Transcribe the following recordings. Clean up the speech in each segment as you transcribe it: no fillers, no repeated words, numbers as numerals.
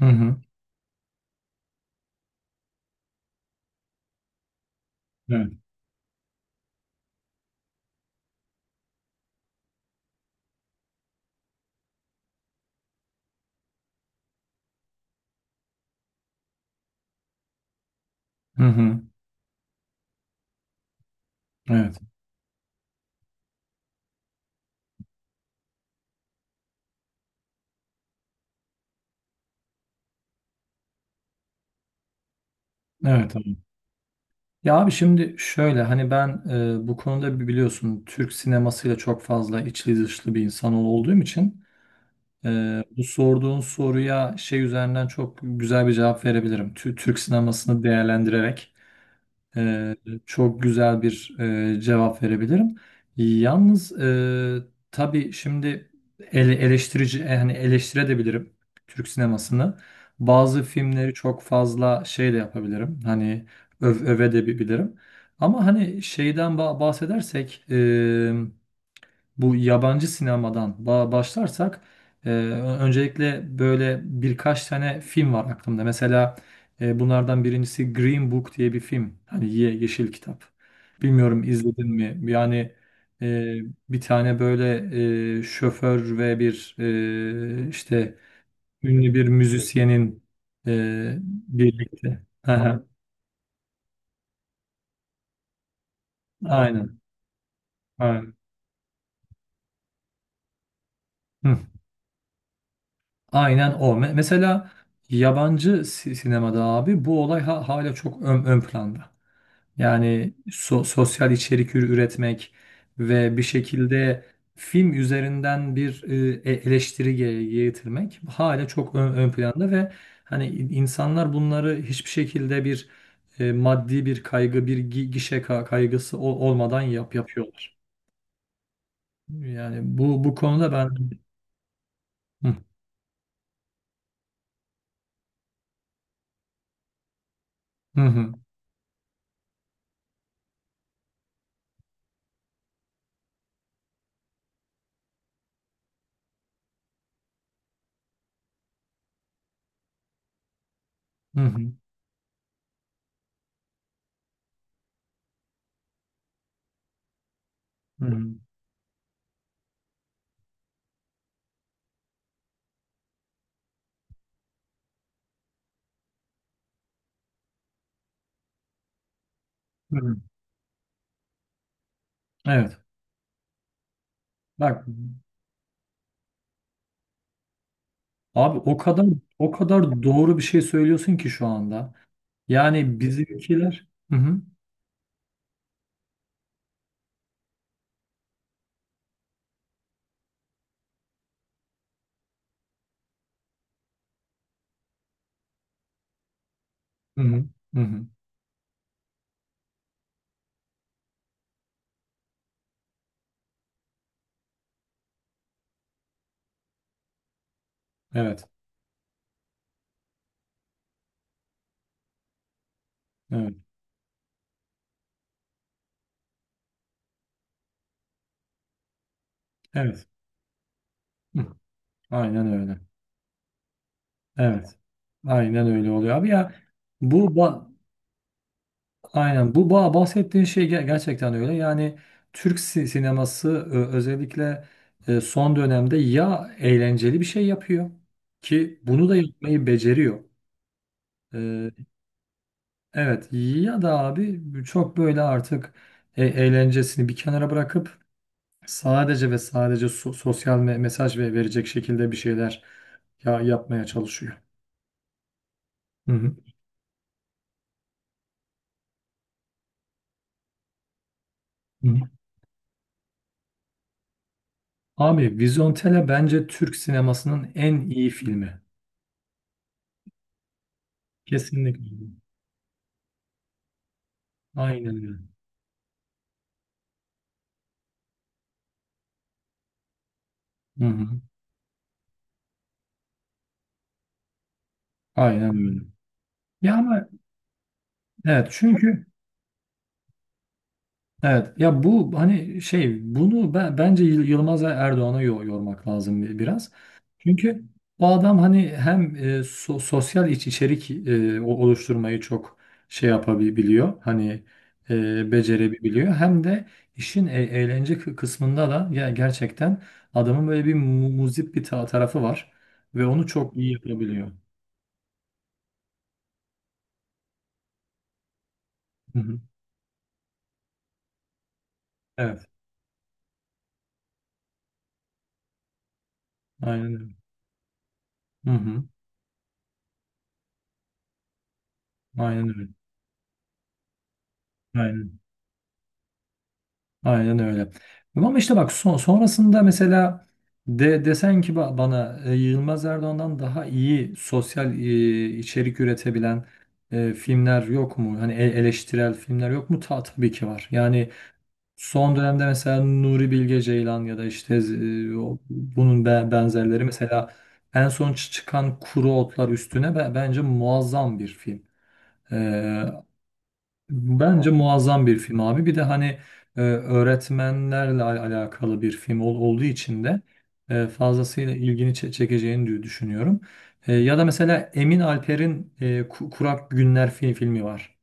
Hı hı. Evet. Hı hı. Evet. Evet abi. Ya abi şimdi şöyle hani ben bu konuda biliyorsun Türk sinemasıyla çok fazla içli dışlı bir insan olduğum için e, bu sorduğun soruya şey üzerinden çok güzel bir cevap verebilirim. Türk sinemasını değerlendirerek. Ee, Çok güzel bir cevap verebilirim. Yalnız tabii şimdi eleştirici yani eleştirebilirim Türk sinemasını. Bazı filmleri çok fazla şey de yapabilirim. Hani öve de bilirim. Ama hani şeyden bahsedersek bu yabancı sinemadan başlarsak, öncelikle böyle birkaç tane film var aklımda. Mesela bunlardan birincisi Green Book diye bir film. Hani yeşil kitap. Bilmiyorum izledin mi? Yani e, bir tane böyle şoför ve bir işte ünlü bir müzisyenin e, birlikte. Aynen. Aynen. Aynen o. Mesela yabancı sinemada abi bu olay hala çok ön planda. Yani sosyal içerik üretmek ve bir şekilde film üzerinden bir eleştiri getirmek hala çok ön planda ve hani insanlar bunları hiçbir şekilde bir maddi bir kaygı, bir gişe kaygısı olmadan yapıyorlar. Yani bu konuda ben. Hı hı hı hı hı. Hı hı. Evet. Bak abi o kadar o kadar doğru bir şey söylüyorsun ki şu anda. Yani bizimkiler. Hı hı, hı hı, hı hı. Evet. Evet. Evet. Hı. Aynen öyle. Evet. Aynen öyle oluyor abi ya. Bu ba- aynen bu bahsettiğin şey gerçekten öyle. Yani Türk sineması özellikle son dönemde ya eğlenceli bir şey yapıyor ki bunu da yapmayı beceriyor. E, Evet ya da abi çok böyle artık eğlencesini bir kenara bırakıp sadece ve sadece sosyal mesaj ve verecek şekilde bir şeyler yapmaya çalışıyor. Hı hı. Hı hı. Abi Vizontele bence Türk sinemasının en iyi filmi. Kesinlikle. Aynen öyle. Hı hı. Aynen öyle. Ya ama evet çünkü evet ya bu hani şey bunu ben, bence Yılmaz Erdoğan'a yormak lazım biraz. Çünkü o adam hani hem sosyal içerik, oluşturmayı çok şey yapabiliyor. Hani becerebiliyor. Hem de işin eğlence kısmında da ya gerçekten adamın böyle bir muzip bir tarafı var ve onu çok iyi yapabiliyor. Hı hı. Evet. Aynen öyle. Hı hı. Aynen öyle. Aynen. Aynen öyle. Ama işte bak sonrasında mesela desen ki bana, Yılmaz Erdoğan'dan daha iyi sosyal içerik üretebilen filmler yok mu? Hani eleştirel filmler yok mu? Tabii ki var. Yani son dönemde mesela Nuri Bilge Ceylan ya da işte, bunun benzerleri, mesela en son çıkan Kuru Otlar Üstüne bence muazzam bir film. E, Bence muazzam bir film abi. Bir de hani öğretmenlerle alakalı bir film olduğu için de fazlasıyla ilgini çekeceğini düşünüyorum. Ya da mesela Emin Alper'in Kurak Günler filmi var.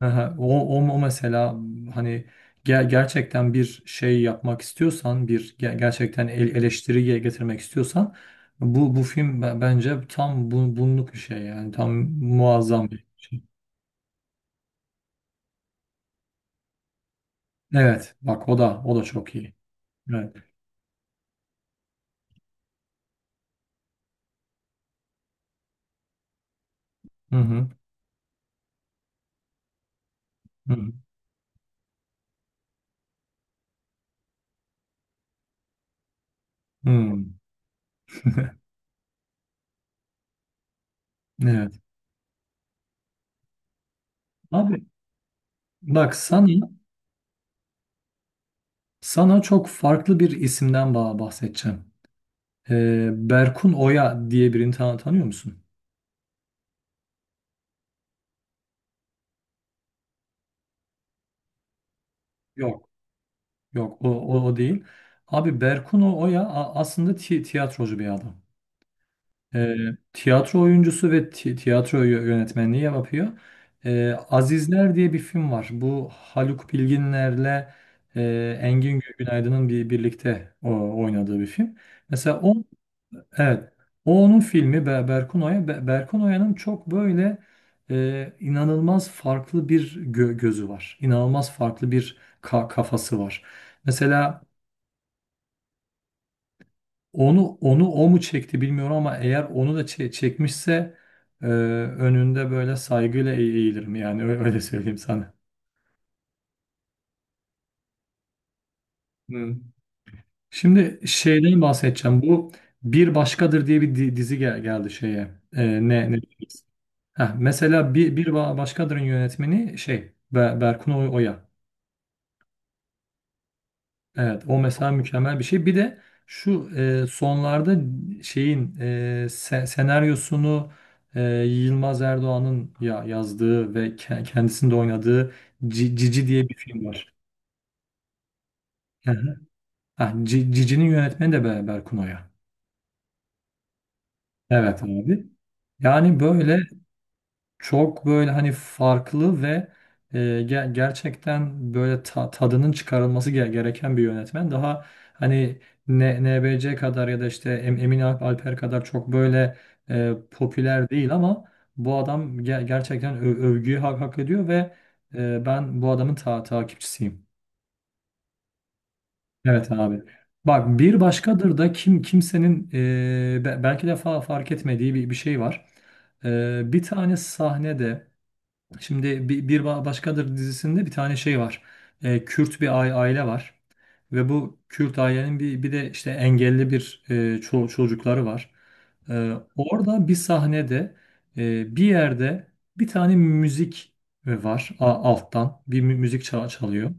Aha, o mesela hani gerçekten bir şey yapmak istiyorsan, bir gerçekten eleştiriye getirmek istiyorsan bu film bence tam, bunluk bir şey, yani tam muazzam bir şey. Evet, bak o da o da çok iyi. Evet. Hı hı. Hı hı. Hı. Evet. Abi bak sana çok farklı bir isimden bahsedeceğim. Berkun Oya diye birini tanıyor musun? Yok. Yok, o değil. Abi Berkun Oya aslında tiyatrocu bir adam. Ee, Tiyatro oyuncusu ve tiyatro yönetmenliği yapıyor. Azizler diye bir film var. Bu Haluk Bilginer'le Engin Günaydın'ın birlikte oynadığı bir film. Mesela o. Evet. O onun filmi Berkun çok böyle, inanılmaz farklı bir gözü var. İnanılmaz farklı bir kafası var. Mesela onu o mu çekti bilmiyorum ama eğer onu da çekmişse, önünde böyle saygıyla eğilirim yani öyle söyleyeyim sana. Hı. Şimdi şeyden bahsedeceğim. Bir Başkadır diye bir dizi geldi şeye. E, ne Heh, mesela bir, ba- başkadır yönetmeni şey Berkun Oya. Evet, o mesela mükemmel bir şey. Bir de şu, sonlarda şeyin, senaryosunu, e, Yılmaz Erdoğan'ın yazdığı ve kendisinin de oynadığı Cici diye bir film var. Hı hı. Ha, Cici'nin yönetmeni de Berkun Oya. Evet abi. Yani böyle. Çok böyle hani farklı ve gerçekten böyle tadının çıkarılması gereken bir yönetmen. Daha hani NBC kadar ya da işte Emin Alper kadar çok böyle popüler değil ama bu adam gerçekten övgüyü hak ediyor ve ben bu adamın takipçisiyim. Evet abi. Bak bir başkadır da kimsenin belki de fark etmediği bir şey var. E, bir tane sahnede Şimdi Bir Başkadır dizisinde bir tane şey var. Kürt bir aile var. Ve bu Kürt ailenin bir de işte engelli bir çocukları var. Orada bir sahnede, bir yerde bir tane müzik var alttan. Bir müzik çalıyor.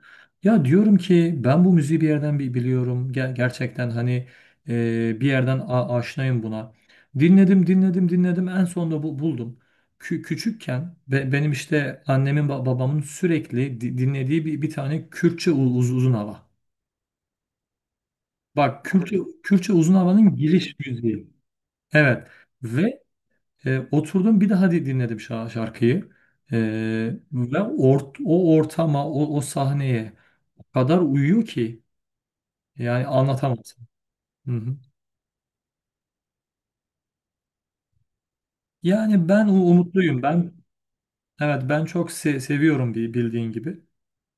Ya diyorum ki ben bu müziği bir yerden biliyorum. Gerçekten hani, bir yerden aşinayım buna. Dinledim, dinledim, dinledim. En sonunda buldum, küçükken benim işte annemin babamın sürekli dinlediği bir tane Kürtçe uzun hava. Bak Kürtçe uzun havanın giriş müziği. Evet. Ve oturdum bir daha dinledim şarkıyı. E, ve o ortama, o sahneye o kadar uyuyor ki yani anlatamazsın. Hı hı. Yani ben umutluyum. Ben, evet, ben çok seviyorum bildiğin gibi.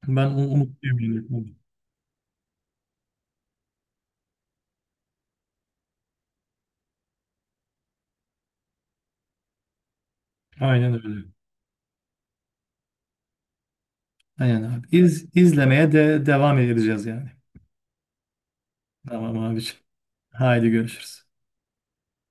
Ben umutluyum, yani. Aynen öyle. Aynen abi. İz, izlemeye de devam edeceğiz yani. Tamam abiciğim. Haydi görüşürüz.